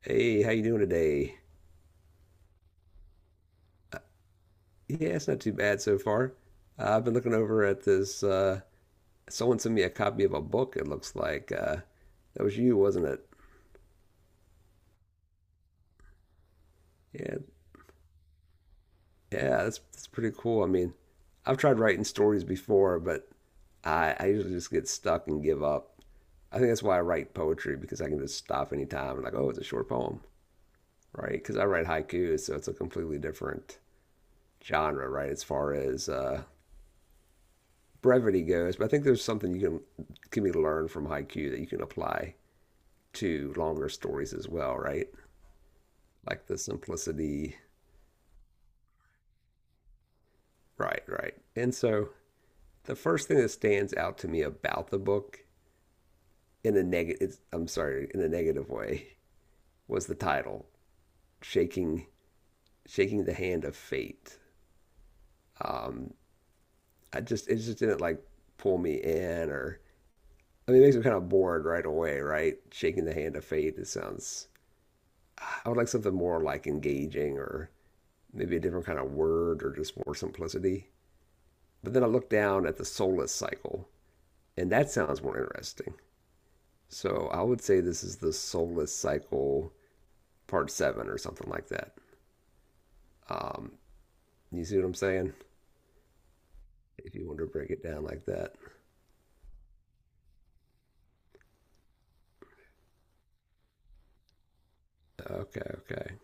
Hey, how you doing today? Yeah, it's not too bad so far. I've been looking over at this. Someone sent me a copy of a book. It looks like that was you, wasn't it? Yeah, yeah, that's pretty cool. I mean, I've tried writing stories before, but I usually just get stuck and give up. I think that's why I write poetry because I can just stop anytime and like, oh, it's a short poem, right? Because I write haikus, so it's a completely different genre, right? As far as brevity goes, but I think there's something you can be learned from haiku that you can apply to longer stories as well, right? Like the simplicity, right, right. And so the first thing that stands out to me about the book in a negative, I'm sorry, in a negative way, was the title, shaking shaking the hand of fate. I just it just didn't like pull me in, or I mean, it makes me kind of bored right away, right? Shaking the hand of fate. It sounds I would like something more like engaging or maybe a different kind of word or just more simplicity. But then I look down at the soulless cycle, and that sounds more interesting. So I would say this is the soulless cycle part seven or something like that. Um, you see what I'm saying? If you want to break it down like that. Okay, okay,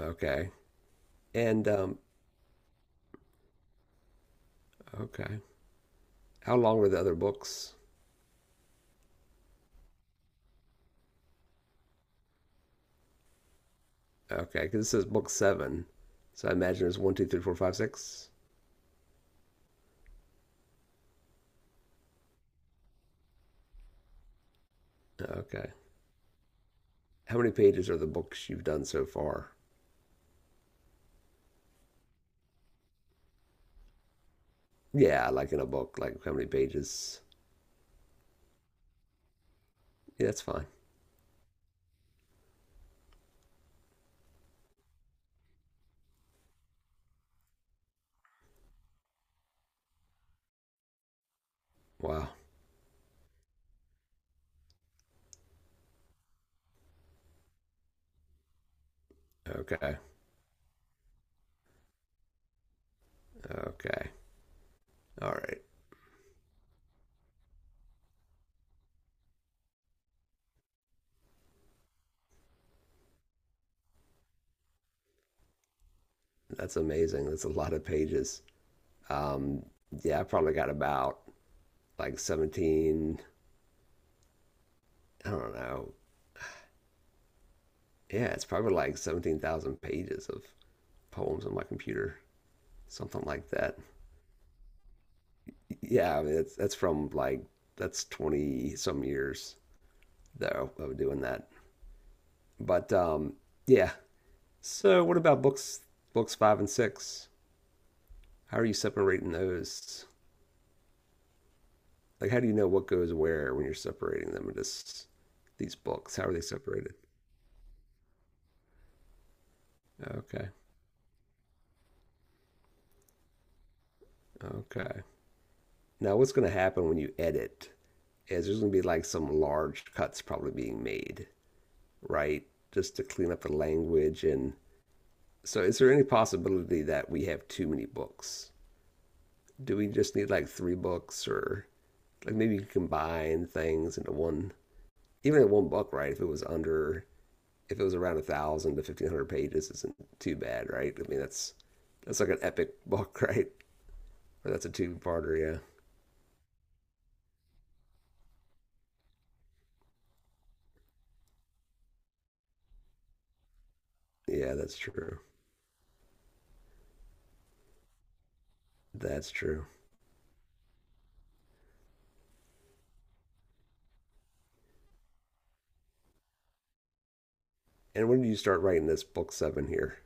okay. And, okay. How long were the other books? Okay, because this is book seven. So I imagine there's one, two, three, four, five, six. Okay. How many pages are the books you've done so far? Yeah, like in a book, like how many pages? Yeah, that's fine. Wow. Okay. Okay. All right. That's amazing. That's a lot of pages. Um, yeah, I probably got about like 17, I don't know. Yeah, it's probably like 17,000 pages of poems on my computer, something like that. Yeah, I mean, that's from like, that's 20 some years though of doing that. But yeah. So what about books five and six? How are you separating those? Like, how do you know what goes where when you're separating them into these books? How are they separated? Okay, okay. Now, what's going to happen when you edit is there's going to be like some large cuts probably being made, right? Just to clean up the language. And so, is there any possibility that we have too many books? Do we just need like three books or like maybe you combine things into one, even in one book, right? If it was under if it was around 1,000 to 1,500 pages, isn't too bad, right? I mean, that's like an epic book, right? Or that's a two-parter, yeah. Yeah, that's true. That's true. And when did you start writing this book seven here?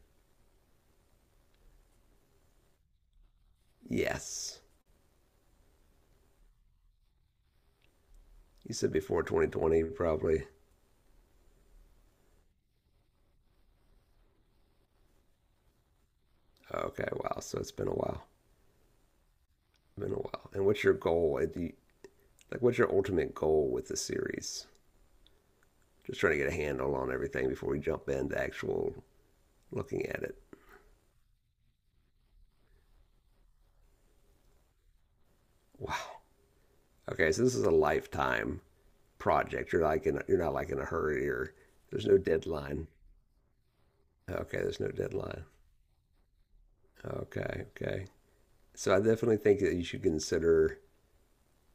Yes, you said before 2020, probably. Okay, wow. So it's been a while. Been a while. And what's your goal? Like, what's your ultimate goal with the series? Just trying to get a handle on everything before we jump into actual looking at it. Wow. Okay, so this is a lifetime project. You're like in, a, you're not like in a hurry or there's no deadline. Okay, there's no deadline. Okay, okay. So I definitely think that you should consider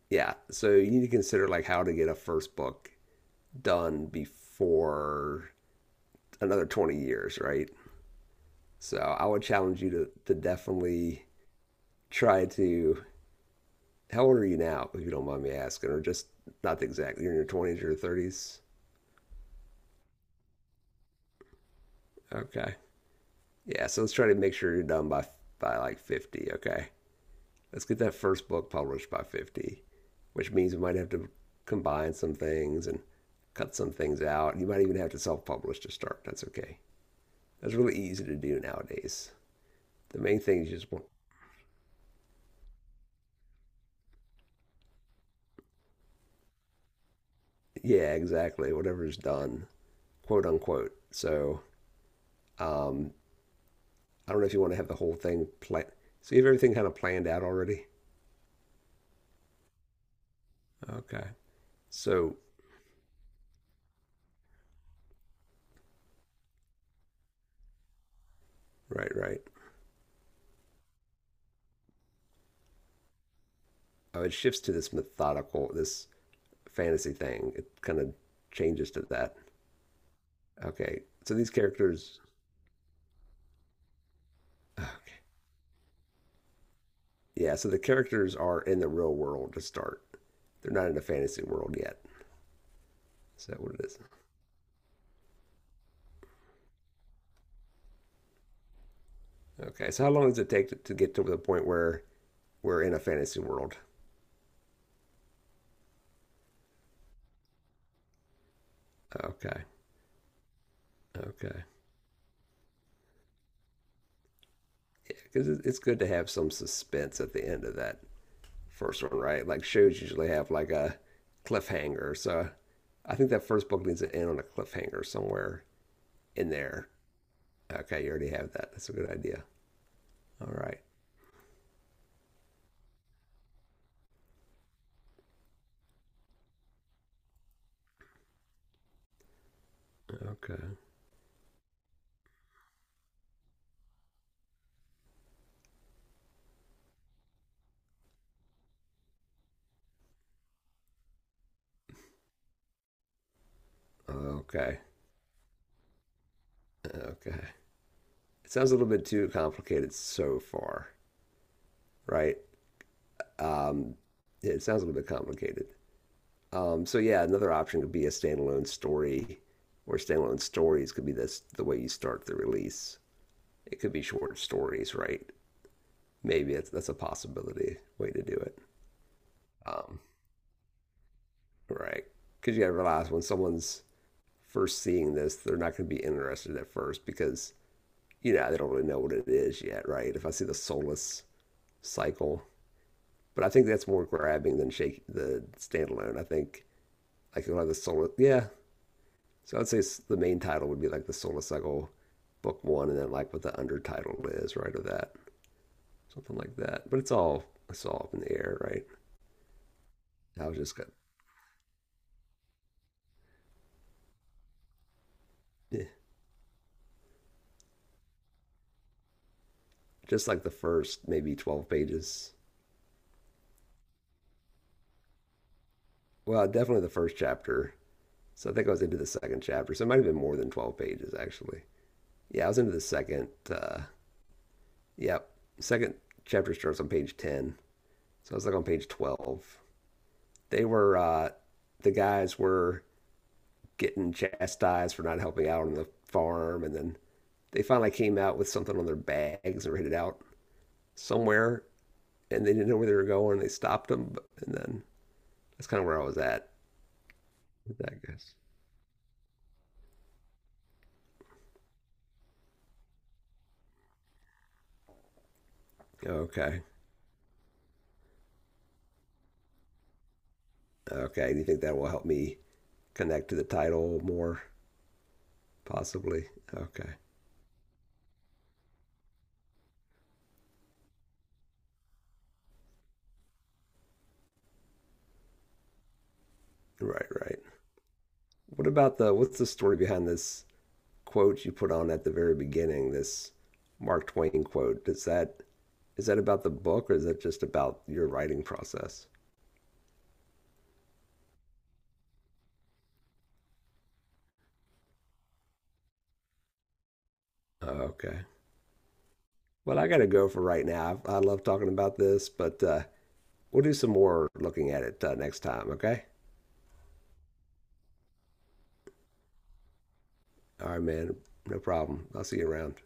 yeah, so you need to consider like how to get a first book done before another 20 years, right? So I would challenge you to definitely try to how old are you now, if you don't mind me asking, or just not exactly you're in your twenties or your thirties? Okay. Yeah, so let's try to make sure you're done by like 50, okay? Let's get that first book published by 50, which means we might have to combine some things and cut some things out. You might even have to self publish to start. That's okay. That's really easy to do nowadays. The main thing is just, yeah, exactly. Whatever is done, quote unquote. So um, I don't know if you want to have the whole thing planned. So you have everything kind of planned out already? Okay. So, right, right. Oh, it shifts to this methodical, this fantasy thing. It kind of changes to that. Okay, so these characters. Okay. Yeah, so the characters are in the real world to start. They're not in the fantasy world yet. Is that what it is? Okay, so how long does it take to get to the point where we're in a fantasy world? Okay, okay. Yeah, because it's good to have some suspense at the end of that first one, right? Like shows usually have like a cliffhanger. So I think that first book needs to end on a cliffhanger somewhere in there. Okay, you already have that. That's a good idea. All right. Okay. Okay. Okay. It sounds a little bit too complicated so far, right? Um, yeah, it sounds a little bit complicated. So yeah, another option could be a standalone story, or standalone stories could be this the way you start the release. It could be short stories, right? Maybe that's a possibility way to do it. Um, right? Because you gotta realize when someone's first seeing this, they're not gonna be interested at first because you know they don't really know what it is yet, right? If I see the soulless cycle But I think that's more grabbing than shake the standalone. I think like you'll have the solar. Yeah, so I'd say the main title would be like the Solar Cycle Book One, and then like what the undertitle is, right, or that something like that. But it's all up in the air, right? I was just got yeah, just like the first maybe 12 pages. Well, definitely the first chapter. So I think I was into the second chapter. So it might have been more than 12 pages actually. Yeah, I was into the second. Yep, yeah, second chapter starts on page 10. So I was like on page 12 they were the guys were getting chastised for not helping out on the farm, and then they finally came out with something on their bags and were headed out somewhere, and they didn't know where they were going. They stopped them, and then that's kind of where I was at. With that guess. Okay, okay. Do you think that will help me connect to the title more, possibly? Okay, right, right. What about the what's the story behind this quote you put on at the very beginning? This Mark Twain quote. Does that Is that about the book or is that just about your writing process? Oh, okay. Well, I got to go for right now. I love talking about this, but we'll do some more looking at it next time, okay? All right, man. No problem. I'll see you around.